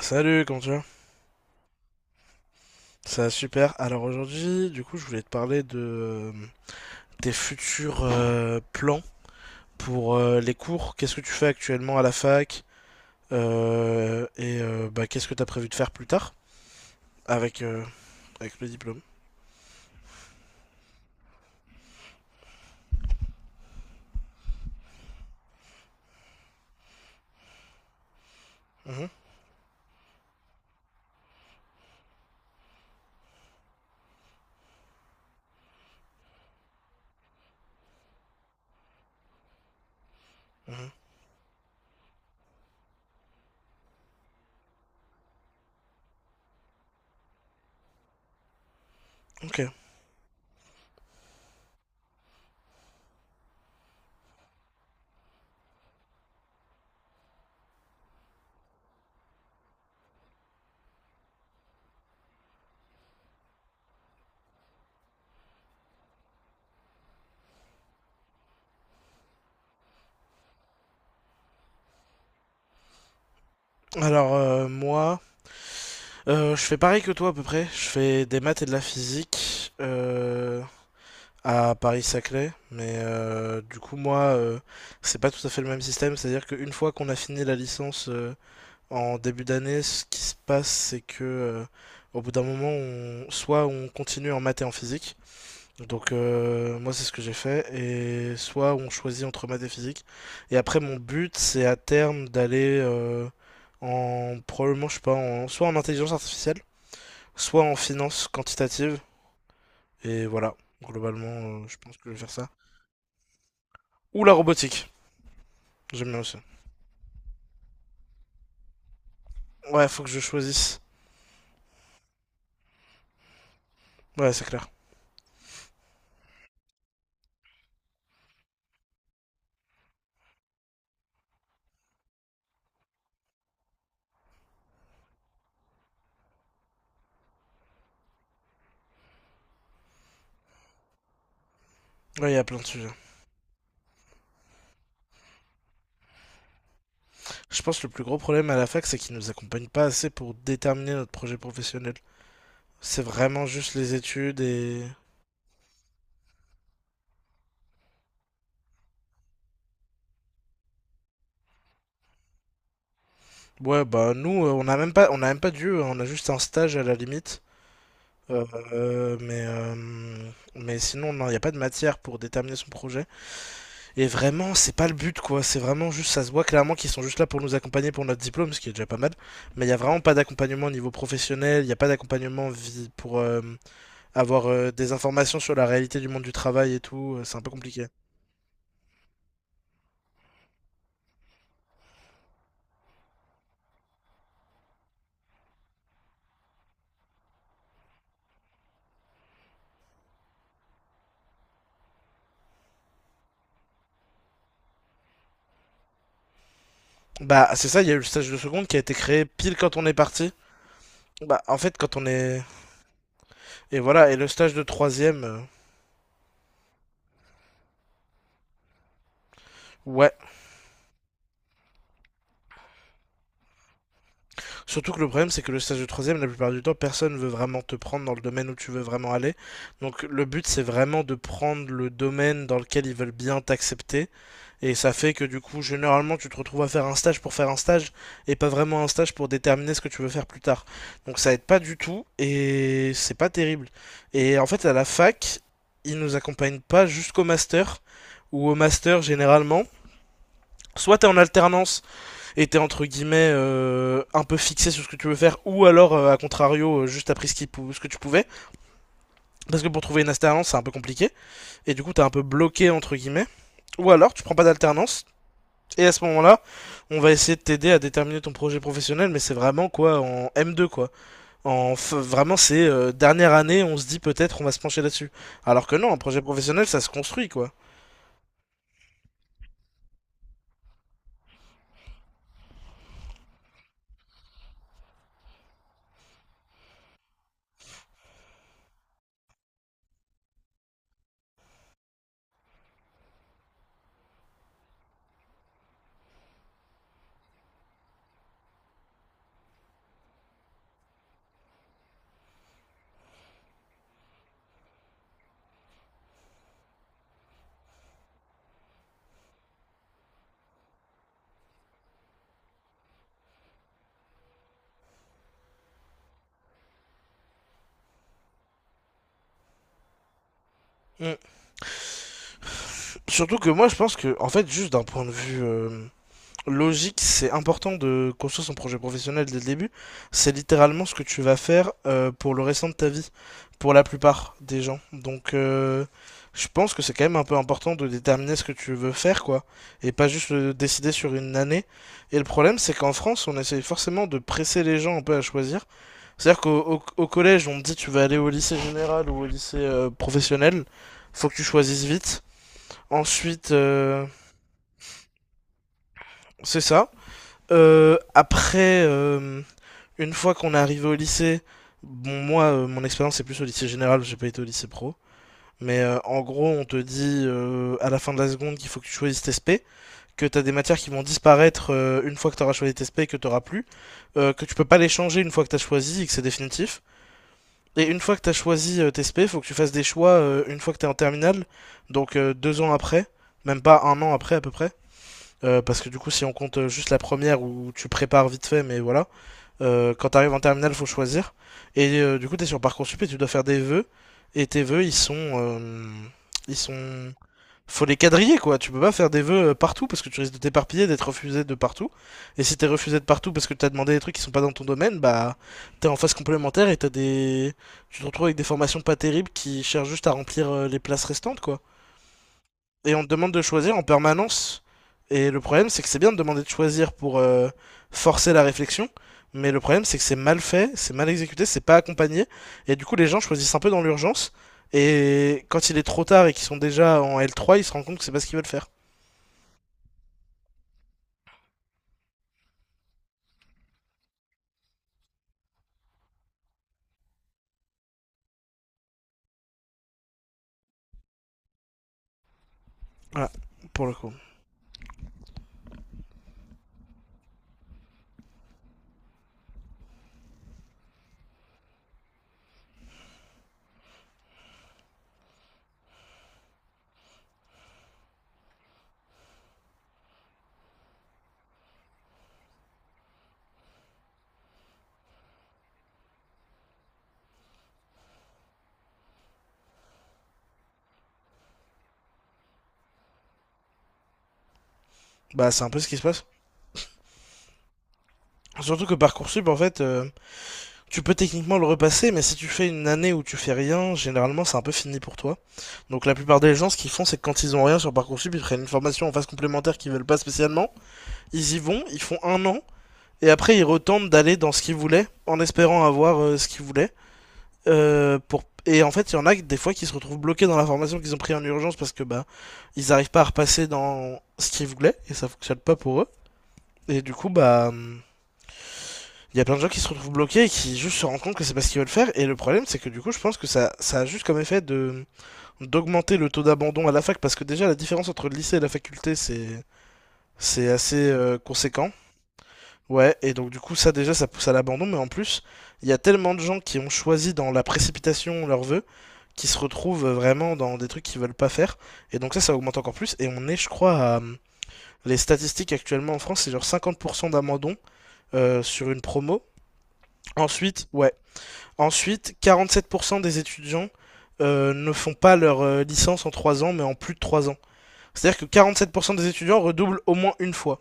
Salut, comment tu vas? Ça va super. Alors aujourd'hui, du coup, je voulais te parler de euh, tes futurs plans pour les cours. Qu'est-ce que tu fais actuellement à la fac? Et bah, qu'est-ce que tu as prévu de faire plus tard avec, euh, avec le diplôme? Mhm, mhm. Ok. Alors moi, je fais pareil que toi à peu près. Je fais des maths et de la physique à Paris-Saclay. Mais du coup, moi, c'est pas tout à fait le même système. C'est-à-dire qu'une fois qu'on a fini la licence. En début d'année, ce qui se passe, c'est que au bout d'un moment, soit on continue en maths et en physique. Donc moi, c'est ce que j'ai fait. Et soit on choisit entre maths et physique. Et après, mon but, c'est à terme d'aller en probablement, je sais pas, soit en intelligence artificielle, soit en finance quantitative. Et voilà, globalement, je pense que je vais faire ça. Ou la robotique, j'aime bien aussi. Ouais, faut que je choisisse. Ouais, c'est clair. Ouais, il y a plein de sujets. Je pense que le plus gros problème à la fac, c'est qu'ils ne nous accompagnent pas assez pour déterminer notre projet professionnel. C'est vraiment juste les études. Et... Ouais, bah nous, on a même pas d'UE, hein, on a juste un stage à la limite. Euh, mais sinon, non, il n'y a pas de matière pour déterminer son projet. Et vraiment, c'est pas le but, quoi. C'est vraiment juste, ça se voit clairement qu'ils sont juste là pour nous accompagner pour notre diplôme, ce qui est déjà pas mal. Mais il n'y a vraiment pas d'accompagnement au niveau professionnel, il n'y a pas d'accompagnement pour avoir des informations sur la réalité du monde du travail et tout. C'est un peu compliqué. Bah, c'est ça, il y a eu le stage de seconde qui a été créé pile quand on est parti. Bah, en fait, quand on est. Et voilà, et le stage de troisième. Ouais. Surtout que le problème, c'est que le stage de troisième, la plupart du temps, personne veut vraiment te prendre dans le domaine où tu veux vraiment aller. Donc, le but, c'est vraiment de prendre le domaine dans lequel ils veulent bien t'accepter. Et ça fait que du coup, généralement, tu te retrouves à faire un stage pour faire un stage et pas vraiment un stage pour déterminer ce que tu veux faire plus tard. Donc ça aide pas du tout et c'est pas terrible. Et en fait, à la fac, ils nous accompagnent pas jusqu'au master ou au master généralement. Soit t'es en alternance et t'es entre guillemets un peu fixé sur ce que tu veux faire, ou alors à contrario juste t'as pris ce que tu pouvais, parce que pour trouver une alternance c'est un peu compliqué, et du coup t'es un peu bloqué entre guillemets. Ou alors tu prends pas d'alternance, et à ce moment-là, on va essayer de t'aider à déterminer ton projet professionnel, mais c'est vraiment quoi en m deux quoi. Vraiment c'est dernière année, on se dit peut-être on va se pencher là-dessus. Alors que non, un projet professionnel ça se construit quoi. Mm. Surtout que moi je pense que en fait juste d'un point de vue logique, c'est important de construire son projet professionnel dès le début. C'est littéralement ce que tu vas faire pour le restant de ta vie, pour la plupart des gens. Donc, je pense que c'est quand même un peu important de déterminer ce que tu veux faire, quoi, et pas juste le décider sur une année. Et le problème, c'est qu'en France, on essaye forcément de presser les gens un peu à choisir. C'est-à-dire qu'au au- au collège, on te dit tu vas aller au lycée général ou au lycée professionnel, faut que tu choisisses vite. Ensuite, c'est ça. Après, une fois qu'on est arrivé au lycée, bon, moi, mon expérience c'est plus au lycée général, j'ai pas été au lycée pro. Mais en gros, on te dit à la fin de la seconde qu'il faut que tu choisisses tes SP, que t'as des matières qui vont disparaître une fois que t'auras choisi tes SP et que t'auras plus, que tu peux pas les changer une fois que t'as choisi et que c'est définitif. Et une fois que t'as choisi tes SP, faut que tu fasses des choix une fois que t'es en terminale, donc 2 ans après, même pas un an après à peu près, parce que du coup, si on compte juste la première où tu prépares vite fait, mais voilà, quand t'arrives en terminale, faut choisir. Et du coup, t'es sur Parcoursup et tu dois faire des vœux. Et tes vœux, ils sont, faut les quadriller quoi. Tu peux pas faire des vœux partout parce que tu risques de t'éparpiller, d'être refusé de partout. Et si t'es refusé de partout parce que t'as demandé des trucs qui sont pas dans ton domaine, bah t'es en phase complémentaire et tu te retrouves avec des formations pas terribles qui cherchent juste à remplir les places restantes quoi et on te demande de choisir en permanence. Et le problème, c'est que c'est bien de demander de choisir pour forcer la réflexion, mais le problème, c'est que c'est mal fait, c'est mal exécuté, c'est pas accompagné, et du coup, les gens choisissent un peu dans l'urgence, et quand il est trop tard et qu'ils sont déjà en L3, ils se rendent compte que c'est pas ce qu'ils veulent faire. Voilà, pour le coup. Bah, c'est un peu ce qui se passe. Surtout que Parcoursup, en fait, tu peux techniquement le repasser, mais si tu fais une année où tu fais rien, généralement c'est un peu fini pour toi. Donc la plupart des gens, ce qu'ils font, c'est que quand ils ont rien sur Parcoursup, ils prennent une formation en phase complémentaire qu'ils veulent pas spécialement. Ils y vont, ils font un an, et après ils retentent d'aller dans ce qu'ils voulaient, en espérant avoir ce qu'ils voulaient. Et en fait, il y en a des fois qui se retrouvent bloqués dans la formation qu'ils ont pris en urgence parce que bah ils arrivent pas à repasser dans ce qu'ils voulaient, et ça fonctionne pas pour eux. Et du coup, bah il y a plein de gens qui se retrouvent bloqués et qui juste se rendent compte que c'est pas ce qu'ils veulent faire. Et le problème, c'est que du coup, je pense que ça a juste comme effet de d'augmenter le taux d'abandon à la fac parce que déjà la différence entre le lycée et la faculté, c'est assez conséquent. Ouais, et donc du coup, ça déjà, ça pousse à l'abandon. Mais en plus, il y a tellement de gens qui ont choisi dans la précipitation leurs vœux qui se retrouvent vraiment dans des trucs qu'ils veulent pas faire. Et donc ça augmente encore plus. Et on est, je crois, à. Les statistiques actuellement en France, c'est genre 50% d'abandon sur une promo. Ensuite, ouais, 47% des étudiants ne font pas leur licence en 3 ans, mais en plus de 3 ans. C'est-à-dire que 47% des étudiants redoublent au moins une fois.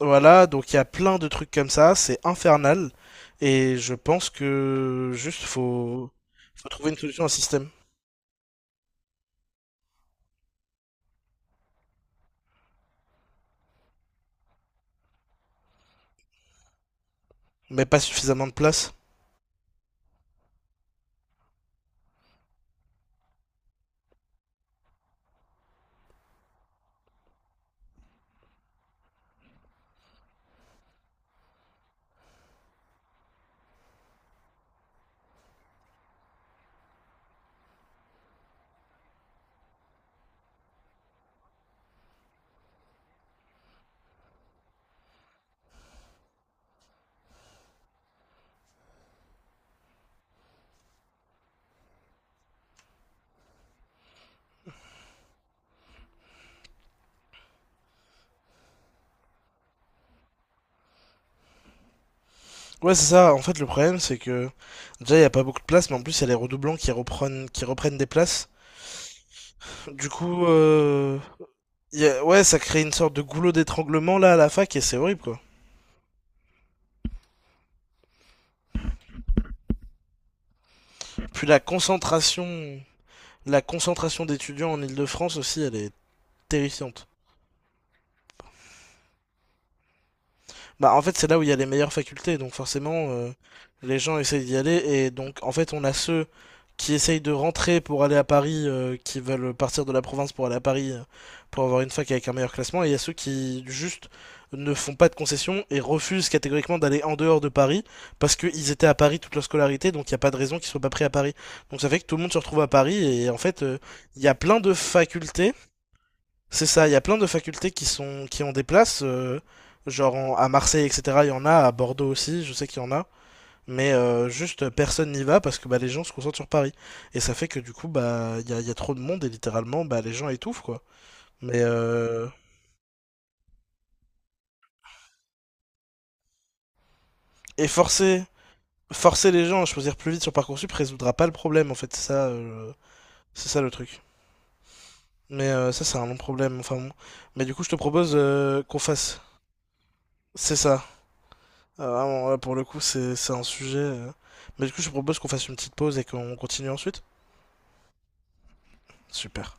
Voilà, donc il y a plein de trucs comme ça, c'est infernal. Et je pense que juste faut trouver une solution à ce système. Mais pas suffisamment de place. Ouais, c'est ça. En fait, le problème, c'est que déjà, il n'y a pas beaucoup de place, mais en plus, il y a les redoublants qui reprennent des places. Du coup, ouais, ça crée une sorte de goulot d'étranglement là à la fac et c'est horrible quoi. Puis la concentration d'étudiants en Île de France aussi, elle est terrifiante. Bah, en fait, c'est là où il y a les meilleures facultés, donc forcément, les gens essayent d'y aller, et donc, en fait, on a ceux qui essayent de rentrer pour aller à Paris, qui veulent partir de la province pour aller à Paris, pour avoir une fac avec un meilleur classement, et il y a ceux qui, juste, ne font pas de concessions et refusent catégoriquement d'aller en dehors de Paris, parce qu'ils étaient à Paris toute leur scolarité, donc il n'y a pas de raison qu'ils soient pas pris à Paris. Donc ça fait que tout le monde se retrouve à Paris, et en fait, il y a plein de facultés c'est ça, il y a plein de facultés qui ont des places, genre à Marseille, etc. Il y en a, à Bordeaux aussi, je sais qu'il y en a, mais juste personne n'y va parce que bah, les gens se concentrent sur Paris. Et ça fait que du coup, bah il y a trop de monde et littéralement, bah les gens étouffent quoi. Mais et forcer les gens à choisir plus vite sur Parcoursup résoudra pas le problème en fait, c'est ça le truc. Mais ça c'est un long problème. Enfin bon. Mais du coup, je te propose qu'on fasse. C'est ça. Ah, vraiment, ouais, pour le coup, c'est un sujet. Mais du coup, je propose qu'on fasse une petite pause et qu'on continue ensuite. Super.